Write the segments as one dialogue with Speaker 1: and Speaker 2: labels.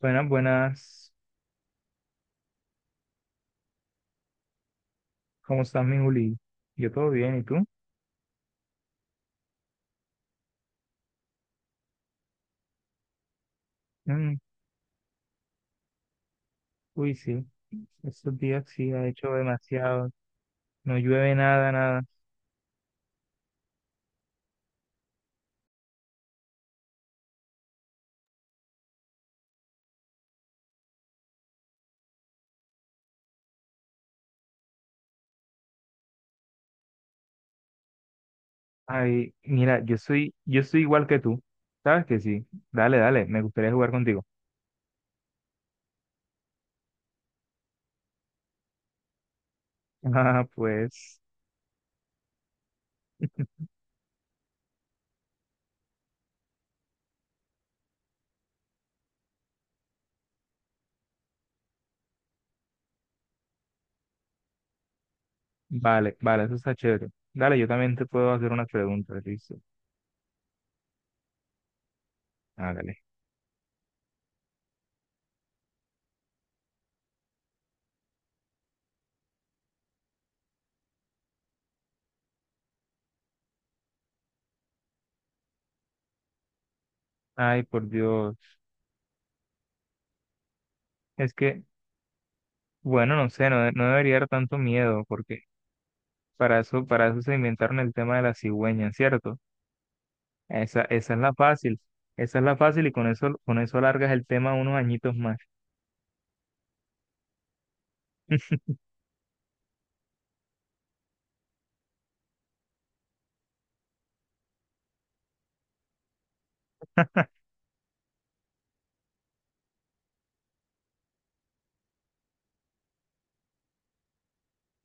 Speaker 1: Buenas, buenas. ¿Cómo estás, mi Juli? Yo todo bien, ¿y tú? Mm, uy, sí. Estos días sí ha hecho demasiado. No llueve nada, nada. Ay, mira, yo soy igual que tú. ¿Sabes que sí? Dale, dale, me gustaría jugar contigo. Ah, pues, vale, vale, eso está chévere. Dale, yo también te puedo hacer unas preguntas, listo. Hágale. Ay, por Dios. Es que, bueno, no sé, no, no debería dar tanto miedo, porque para eso se inventaron el tema de la cigüeña, ¿cierto? Esa es la fácil, esa es la fácil y con eso alargas el tema unos añitos más.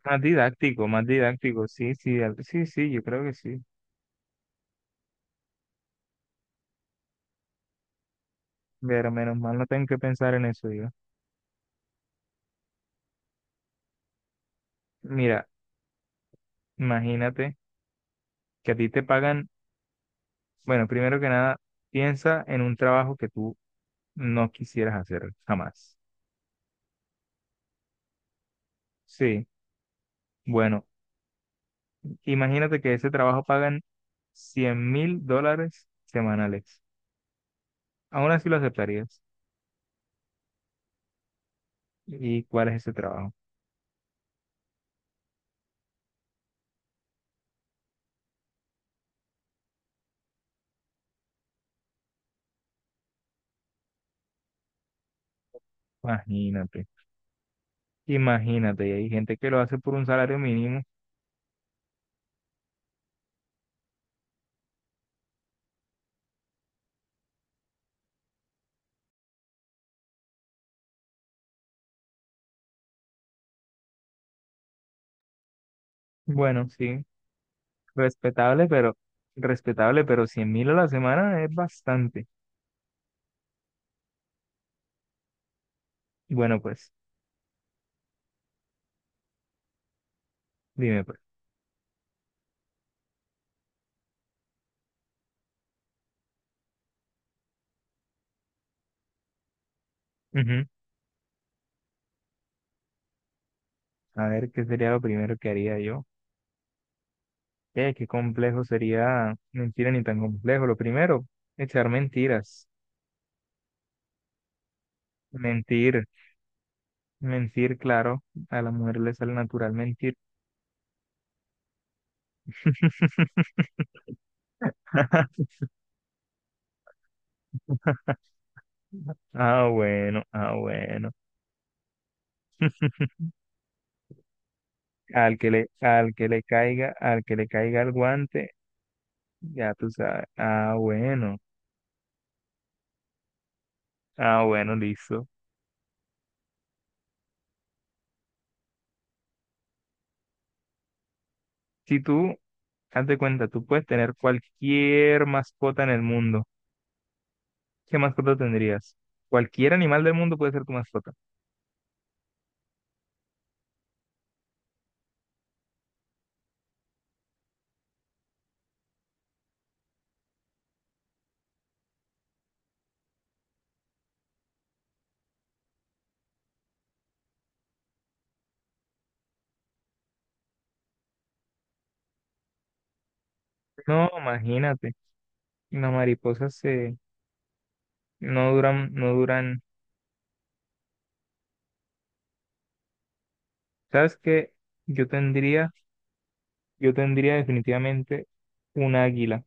Speaker 1: Más didáctico, sí, sí, sí, sí, yo creo que sí. Pero menos mal no tengo que pensar en eso yo. Mira, imagínate que a ti te pagan, bueno, primero que nada, piensa en un trabajo que tú no quisieras hacer jamás. Sí, bueno, imagínate que ese trabajo pagan $100.000 semanales. Aún así lo aceptarías. ¿Y cuál es ese trabajo? Imagínate. Imagínate, y hay gente que lo hace por un salario mínimo. Bueno, sí, respetable, respetable, pero 100.000 a la semana es bastante. Bueno, pues, dime pues. Ujú. A ver, ¿qué sería lo primero que haría yo? Qué complejo sería, mentira ni tan complejo. Lo primero, echar mentiras. Mentir, mentir, claro. A la mujer le sale natural mentir. Ah, bueno, ah, bueno. Al que le caiga, al que le caiga el guante, ya tú sabes. Ah, bueno. Ah, bueno, listo. Si tú, haz de cuenta, tú puedes tener cualquier mascota en el mundo. ¿Qué mascota tendrías? Cualquier animal del mundo puede ser tu mascota. No, imagínate. Las mariposas se, no duran, no duran. ¿Sabes qué? Yo tendría, yo tendría definitivamente un águila.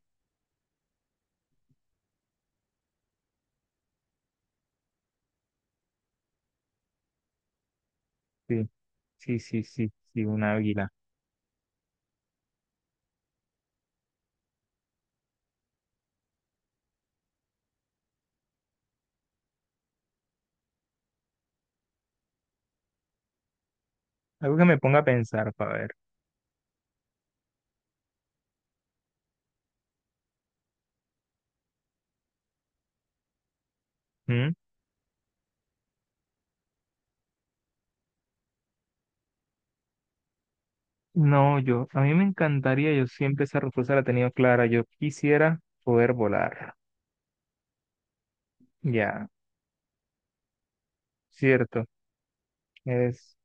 Speaker 1: Sí, sí, sí, sí, sí, un águila. Algo que me ponga a pensar para ver. No, yo, a mí me encantaría, yo siempre esa respuesta la he tenido clara, yo quisiera poder volar, ya, cierto, es,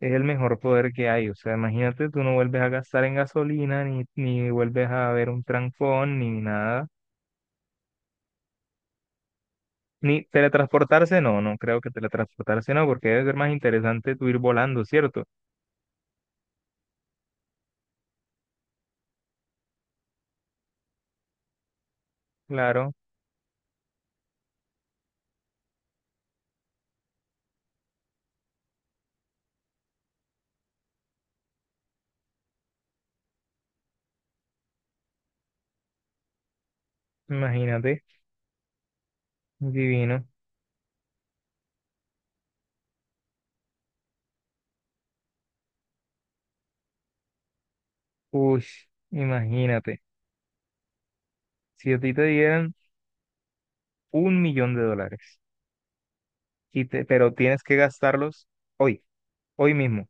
Speaker 1: es el mejor poder que hay, o sea, imagínate, tú no vuelves a gastar en gasolina, ni, ni vuelves a ver un trancón, ni nada, ni teletransportarse, no, no creo que teletransportarse no, porque debe ser más interesante tú ir volando, ¿cierto? Claro, imagínate, divino, uy, imagínate, si a ti te dieran $1.000.000. Pero tienes que gastarlos hoy, hoy mismo.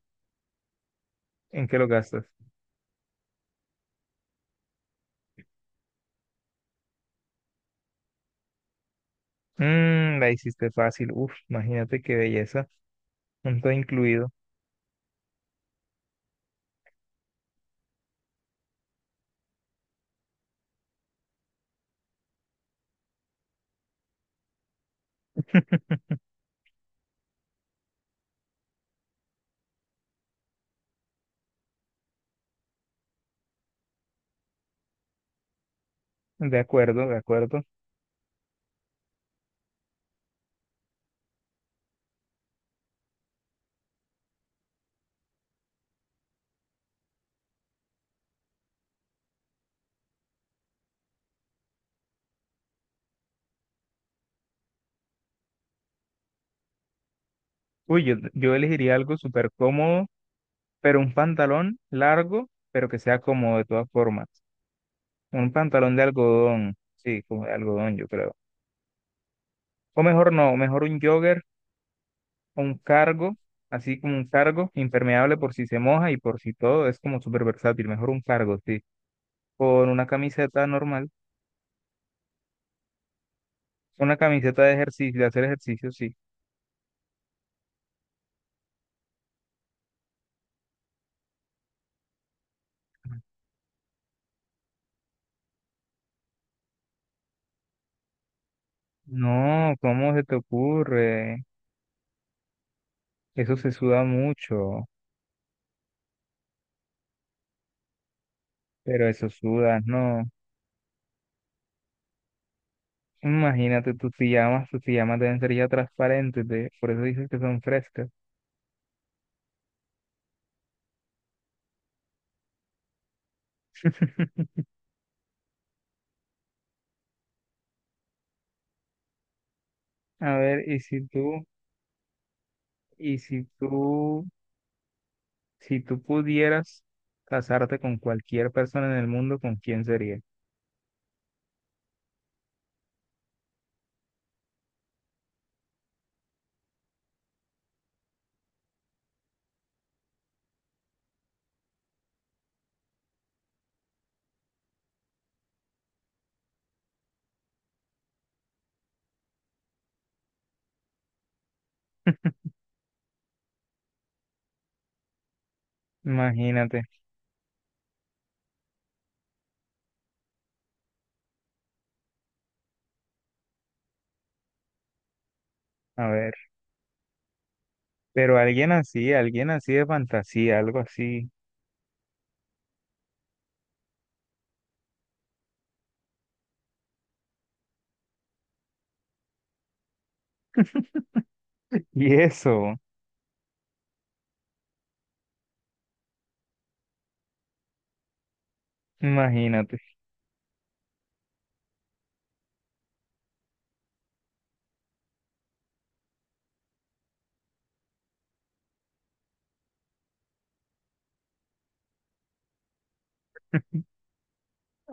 Speaker 1: ¿En qué lo gastas? Mm, la hiciste fácil. Uf, imagínate qué belleza. Un todo incluido. De acuerdo, de acuerdo. Uy, yo elegiría algo súper cómodo, pero un pantalón largo, pero que sea cómodo de todas formas. Un pantalón de algodón, sí, como de algodón, yo creo. O mejor no, mejor un jogger o un cargo, así como un cargo impermeable por si se moja y por si todo, es como súper versátil. Mejor un cargo, sí. Con una camiseta normal, una camiseta de ejercicio, de hacer ejercicio, sí. No, ¿cómo se te ocurre? Eso se suda mucho, pero eso sudas, no. Imagínate tus pijamas deben ser ya transparentes, por eso dices que son frescas. A ver, y si tú, si tú pudieras casarte con cualquier persona en el mundo, ¿con quién sería? Imagínate, a ver, pero alguien así de fantasía, algo así. Y eso. Imagínate.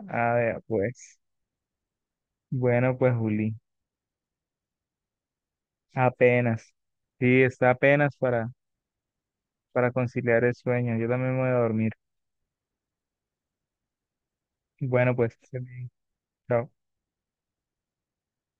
Speaker 1: A ver, pues. Bueno, pues, Juli. Apenas. Sí, está apenas para conciliar el sueño. Yo también me voy a dormir. Bueno, pues, que estés bien. Chao.